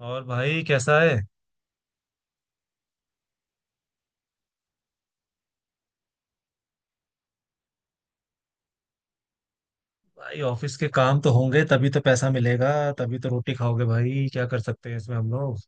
और भाई कैसा है। भाई ऑफिस के काम तो होंगे तभी तो पैसा मिलेगा। तभी तो रोटी खाओगे भाई। क्या कर सकते हैं इसमें हम लोग।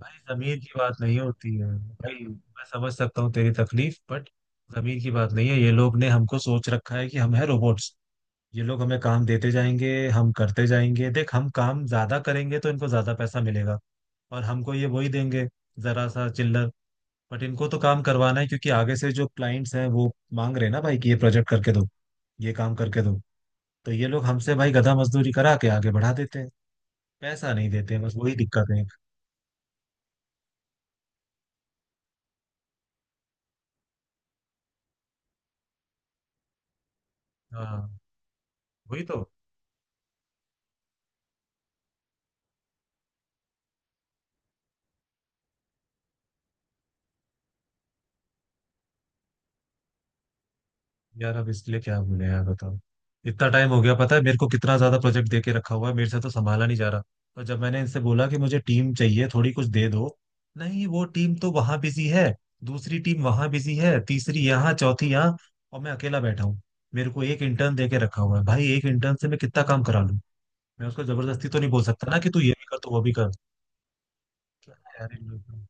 भाई जमीन की बात नहीं होती है भाई, मैं समझ सकता हूँ तेरी तकलीफ, बट जमीन की बात नहीं है। ये लोग ने हमको सोच रखा है कि हम है रोबोट्स। ये लोग हमें काम देते जाएंगे, हम करते जाएंगे। देख हम काम ज्यादा करेंगे तो इनको ज्यादा पैसा मिलेगा और हमको ये वही देंगे, जरा सा चिल्लर। बट इनको तो काम करवाना है, क्योंकि आगे से जो क्लाइंट्स हैं वो मांग रहे हैं ना भाई कि ये प्रोजेक्ट करके दो, ये काम करके दो। तो ये लोग हमसे भाई गधा मजदूरी करा के आगे बढ़ा देते हैं, पैसा नहीं देते, बस वही दिक्कत है। हाँ, वही तो। यार अब इसलिए क्या बोले यार बताओ। इतना टाइम हो गया, पता है मेरे को कितना ज्यादा प्रोजेक्ट दे के रखा हुआ है, मेरे से तो संभाला नहीं जा रहा। और जब मैंने इनसे बोला कि मुझे टीम चाहिए थोड़ी, कुछ दे दो, नहीं वो टीम तो वहां बिजी है, दूसरी टीम वहां बिजी है, तीसरी यहाँ, चौथी यहाँ, और मैं अकेला बैठा हूँ। मेरे को एक इंटर्न दे के रखा हुआ है भाई, एक इंटर्न से मैं कितना काम करा लूँ। मैं उसको जबरदस्ती तो नहीं बोल सकता ना कि तू ये भी कर तू वो भी कर। क्या है यार इन लोगों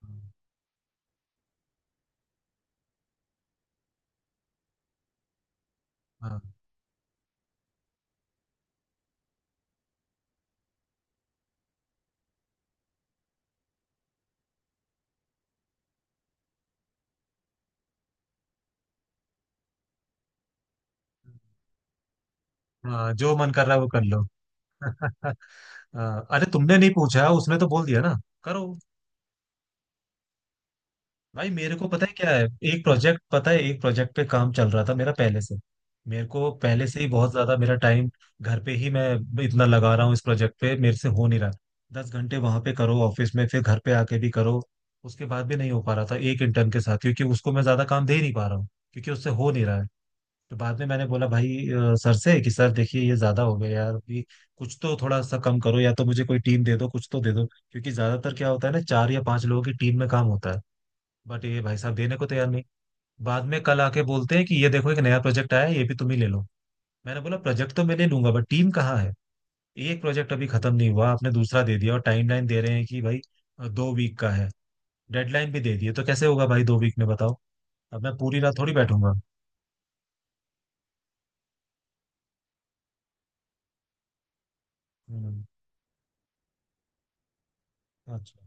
का। हाँ, हाँ जो मन कर रहा है वो कर लो। हाँ, अरे तुमने नहीं पूछा, उसने तो बोल दिया ना। करो। भाई मेरे को पता है क्या है। एक प्रोजेक्ट, पता है, एक प्रोजेक्ट पे काम चल रहा था मेरा पहले से, मेरे को पहले से ही बहुत ज्यादा मेरा टाइम घर पे ही मैं इतना लगा रहा हूँ इस प्रोजेक्ट पे, मेरे से हो नहीं रहा। 10 घंटे वहां पे करो ऑफिस में, फिर घर पे आके भी करो, उसके बाद भी नहीं हो पा रहा था, एक इंटर्न के साथ, क्योंकि उसको मैं ज्यादा काम दे ही नहीं पा रहा हूँ क्योंकि उससे हो नहीं रहा है। तो बाद में मैंने बोला भाई सर से कि सर देखिए ये ज्यादा हो गया यार अभी, कुछ तो थोड़ा सा कम करो, या तो मुझे कोई टीम दे दो, कुछ तो दे दो, क्योंकि ज्यादातर क्या होता है ना, चार या पांच लोगों की टीम में काम होता है। बट ये भाई साहब देने को तैयार नहीं। बाद में कल आके बोलते हैं कि ये देखो एक नया प्रोजेक्ट आया है, ये भी तुम ही ले लो। मैंने बोला प्रोजेक्ट तो मैं ले लूंगा, बट टीम कहाँ है। एक प्रोजेक्ट अभी खत्म नहीं हुआ, आपने दूसरा दे दिया, और टाइमलाइन दे रहे हैं कि भाई 2 वीक का है, डेडलाइन भी दे दी है। तो कैसे होगा भाई 2 वीक में बताओ। अब मैं पूरी रात थोड़ी बैठूंगा। हम्म। अच्छा।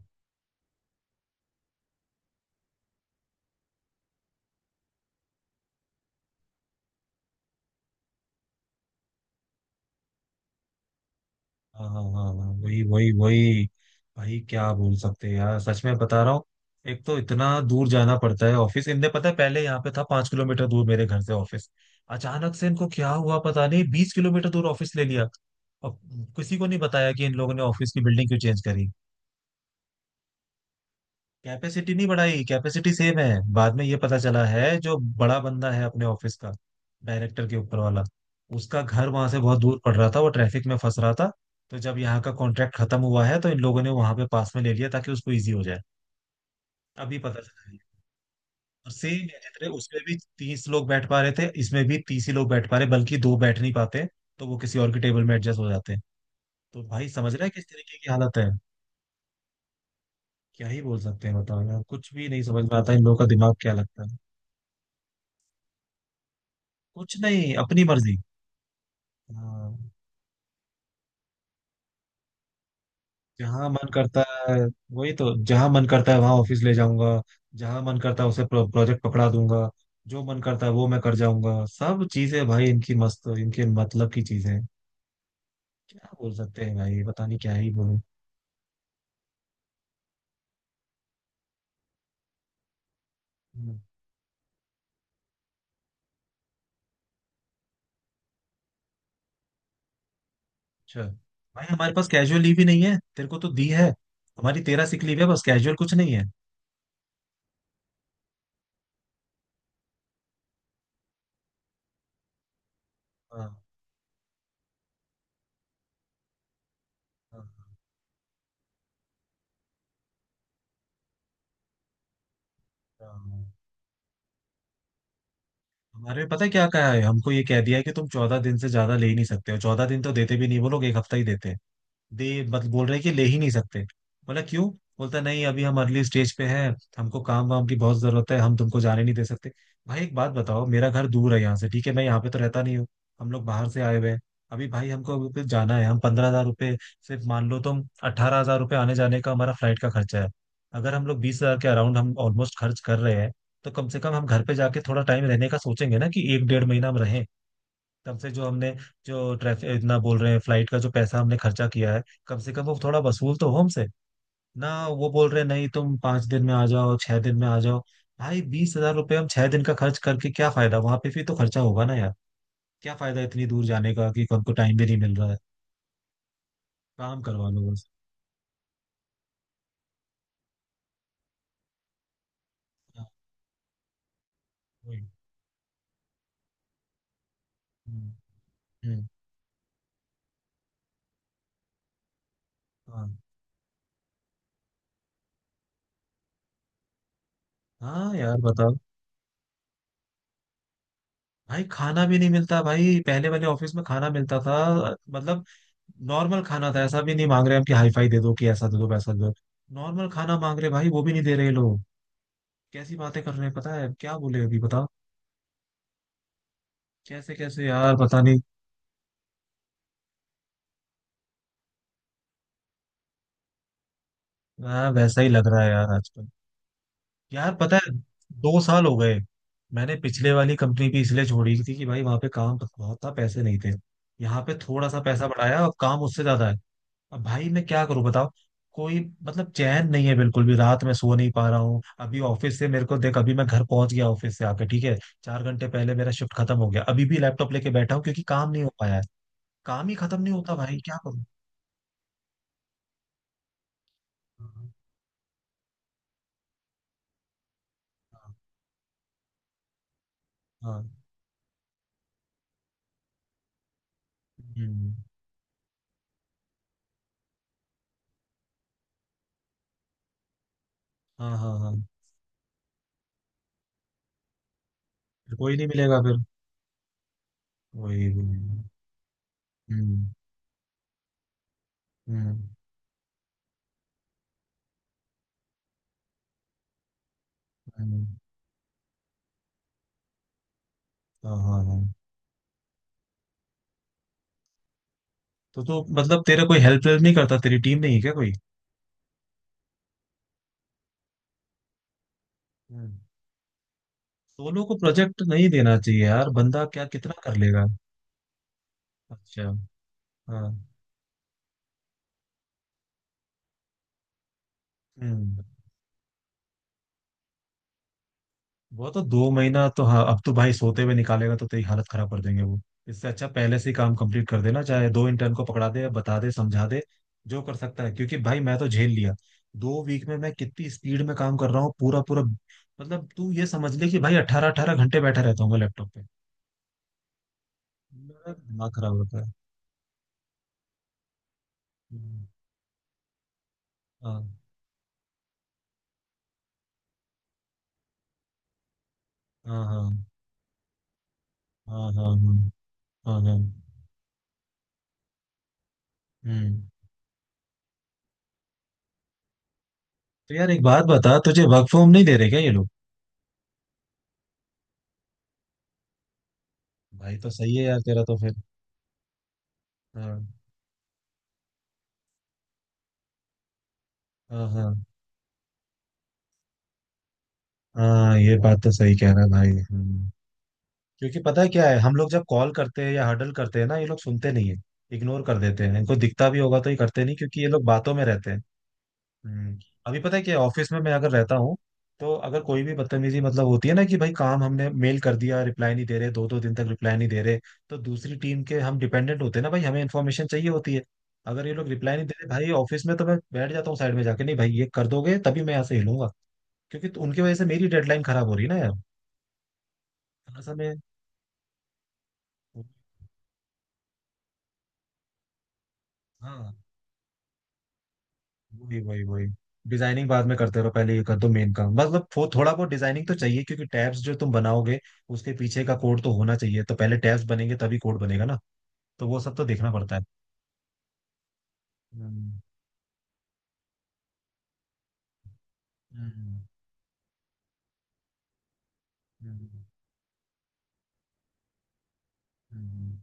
हाँ हाँ हाँ हाँ, वही वही वही। भाई क्या बोल सकते हैं यार, सच में बता रहा हूँ। एक तो इतना दूर जाना पड़ता है ऑफिस, इनने, पता है, पहले यहाँ पे था 5 किलोमीटर दूर मेरे घर से ऑफिस। अचानक से इनको क्या हुआ पता नहीं, 20 किलोमीटर दूर ऑफिस ले लिया। और किसी को नहीं बताया कि इन लोगों ने ऑफिस की बिल्डिंग क्यों चेंज करी। कैपेसिटी नहीं बढ़ाई, कैपेसिटी सेम है। बाद में ये पता चला है, जो बड़ा बंदा है अपने ऑफिस का, डायरेक्टर के ऊपर वाला, उसका घर वहां से बहुत दूर पड़ रहा था, वो ट्रैफिक में फंस रहा था। तो जब यहाँ का कॉन्ट्रैक्ट खत्म हुआ है, तो इन लोगों ने वहां पे पास में ले लिया ताकि उसको इजी हो जाए। अभी पता चला है। और सेम है, जितने उसमें भी 30 लोग बैठ पा रहे थे, इसमें भी 30 ही लोग बैठ पा रहे, बल्कि दो बैठ नहीं पाते, तो वो किसी और के टेबल में एडजस्ट हो जाते हैं। तो भाई समझ रहा है किस तरीके की हालत है। क्या ही बोल सकते हैं बताओ यार, कुछ भी नहीं समझ में आता इन लोगों का, दिमाग क्या लगता है, कुछ नहीं, अपनी मर्जी। हाँ, जहाँ मन करता है। वही तो, जहाँ मन करता है वहां ऑफिस ले जाऊंगा, जहाँ मन करता है उसे प्रोजेक्ट पकड़ा दूंगा, जो मन करता है वो मैं कर जाऊंगा। सब चीजें भाई इनकी मस्त, इनके मतलब की चीजें हैं। क्या बोल सकते हैं भाई, पता नहीं क्या ही बोलूं। हम्म। अच्छा, भाई हमारे पास कैजुअल लीव ही नहीं है, तेरे को तो दी है। हमारी 13 सिक लीव है बस, कैजुअल कुछ नहीं है। हाँ हाँ हाँ, हाँ। हमारे, पता है क्या कहा है हमको, ये कह दिया है कि तुम 14 दिन से ज्यादा ले ही नहीं सकते हो। 14 दिन तो देते भी नहीं वो लोग, एक हफ्ता ही देते हैं। दे, मतलब बोल रहे हैं कि ले ही नहीं सकते। बोला क्यों? बोलता, नहीं अभी हम अर्ली स्टेज पे हैं, हमको काम वाम की बहुत जरूरत है, हम तुमको जाने नहीं दे सकते। भाई एक बात बताओ, मेरा घर दूर है यहाँ से, ठीक है, मैं यहाँ पे तो रहता नहीं हूँ, हम लोग बाहर से आए हुए हैं। अभी भाई हमको अभी पे जाना है, हम 15,000 रुपये, सिर्फ मान लो तुम 18,000 रुपये आने जाने का हमारा फ्लाइट का खर्चा है, अगर हम लोग 20,000 के अराउंड हम ऑलमोस्ट खर्च कर रहे हैं, तो कम से कम हम घर पे जाके थोड़ा टाइम रहने का सोचेंगे ना, कि एक डेढ़ महीना हम रहें। कम से जो हमने जो ट्रैफिक इतना बोल रहे हैं, फ्लाइट का जो पैसा हमने खर्चा किया है, कम से कम वो थोड़ा वसूल तो हो हमसे ना। वो बोल रहे हैं नहीं, तुम 5 दिन में आ जाओ, 6 दिन में आ जाओ। भाई 20,000 रुपये हम 6 दिन का खर्च करके क्या फायदा, वहां पे भी तो खर्चा होगा ना यार। क्या फायदा इतनी दूर जाने का, कि हमको टाइम भी नहीं मिल रहा है। काम करवा लो बस। हाँ, वही। हम्म, हम्म, हाँ हाँ यार बताओ। भाई खाना भी नहीं मिलता, भाई पहले वाले ऑफिस में खाना मिलता था, मतलब नॉर्मल खाना था, ऐसा भी नहीं मांग रहे हम कि हाई फाई दे दो कि ऐसा दे दो वैसा दे दो, नॉर्मल खाना मांग रहे भाई, वो भी नहीं दे रहे लोग। कैसी बातें कर रहे हैं, पता है क्या बोले अभी बताओ, कैसे कैसे यार पता नहीं। हाँ, वैसा ही लग रहा है यार आजकल। यार पता है, 2 साल हो गए, मैंने पिछले वाली कंपनी भी इसलिए छोड़ी थी कि भाई वहां पे काम बहुत था, पैसे नहीं थे, यहाँ पे थोड़ा सा पैसा बढ़ाया और काम उससे ज्यादा है। अब भाई मैं क्या करूं बताओ। कोई, मतलब, चैन नहीं है बिल्कुल भी, रात में सो नहीं पा रहा हूँ। अभी ऑफिस से, मेरे को देख, अभी मैं घर पहुंच गया ऑफिस से आके, ठीक है, 4 घंटे पहले मेरा शिफ्ट खत्म हो गया, अभी भी लैपटॉप लेके बैठा हूँ क्योंकि काम नहीं हो पाया है। काम ही खत्म नहीं होता भाई, क्या करूँ। हाँ हाँ। हम्म, हाँ हाँ हाँ। फिर कोई नहीं मिलेगा फिर। वही वही। हम्म। हम्म। हम्म, हाँ हाँ हाँ। तो मतलब तेरा कोई हेल्प हेल्प नहीं करता, तेरी टीम नहीं है क्या कोई? हम्म। सोलो को प्रोजेक्ट नहीं देना चाहिए यार, बंदा क्या कितना कर लेगा। अच्छा, हाँ। हम्म। वो तो 2 महीना तो, हाँ अब तो भाई सोते हुए निकालेगा तो तेरी हालत खराब कर देंगे वो। इससे अच्छा पहले से ही काम कंप्लीट कर देना चाहे दो इंटर्न को पकड़ा दे, बता दे, समझा दे, जो कर सकता है, क्योंकि भाई मैं तो झेल लिया। 2 वीक में मैं कितनी स्पीड में काम कर रहा हूँ पूरा पूरा। मतलब तू ये समझ ले कि भाई अट्ठारह अट्ठारह घंटे बैठा रहता हूँ मैं लैपटॉप पे। मेरा दिमाग खराब होता है। हम्म, हाँ हाँ हाँ हाँ। हाँ हाँ हाँ हाँ, हम्म। तो यार एक बात बता, तुझे वर्क फ्रॉम नहीं दे रहे क्या ये लोग? भाई तो सही है यार तेरा तो फिर। हाँ हाँ हाँ हाँ, ये बात तो सही कह रहा है भाई। हम्म। क्योंकि पता है क्या है, हम लोग जब कॉल करते हैं या हडल करते हैं ना, ये लोग सुनते नहीं है, इग्नोर कर देते हैं, इनको दिखता भी होगा तो ये करते नहीं, क्योंकि ये लोग बातों में रहते हैं। हम्म, अभी पता है कि ऑफिस में मैं अगर रहता हूँ, तो अगर कोई भी बदतमीजी, मतलब, होती है ना, कि भाई काम हमने मेल कर दिया, रिप्लाई नहीं दे रहे, दो दो दिन तक रिप्लाई नहीं दे रहे, तो दूसरी टीम के हम डिपेंडेंट होते हैं ना भाई, हमें इन्फॉर्मेशन चाहिए होती है, अगर ये लोग रिप्लाई नहीं दे रहे भाई ऑफिस में, तो मैं बैठ जाता हूँ साइड में जाके, नहीं भाई ये कर दोगे तभी मैं यहाँ से हिलूंगा। क्योंकि तो उनकी वजह से मेरी डेडलाइन खराब हो रही है ना यार। थोड़ा सा मैं, हाँ, वही वही वही। डिजाइनिंग बाद में करते रहो, पहले ये कर दो मेन काम, मतलब वो थोड़ा बहुत डिजाइनिंग तो चाहिए, क्योंकि टैब्स जो तुम बनाओगे उसके पीछे का कोड तो होना चाहिए, तो पहले टैब्स बनेंगे तभी कोड बनेगा ना, तो वो सब तो देखना पड़ता है। हम्म, हम्म, हम्म, हम्म,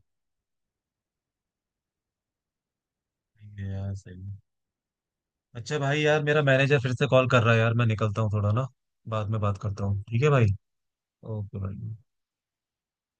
सही है यार, सही है। अच्छा भाई, यार मेरा मैनेजर फिर से कॉल कर रहा है, यार मैं निकलता हूँ थोड़ा ना, बाद में बात करता हूँ, ठीक है भाई। ओके भाई।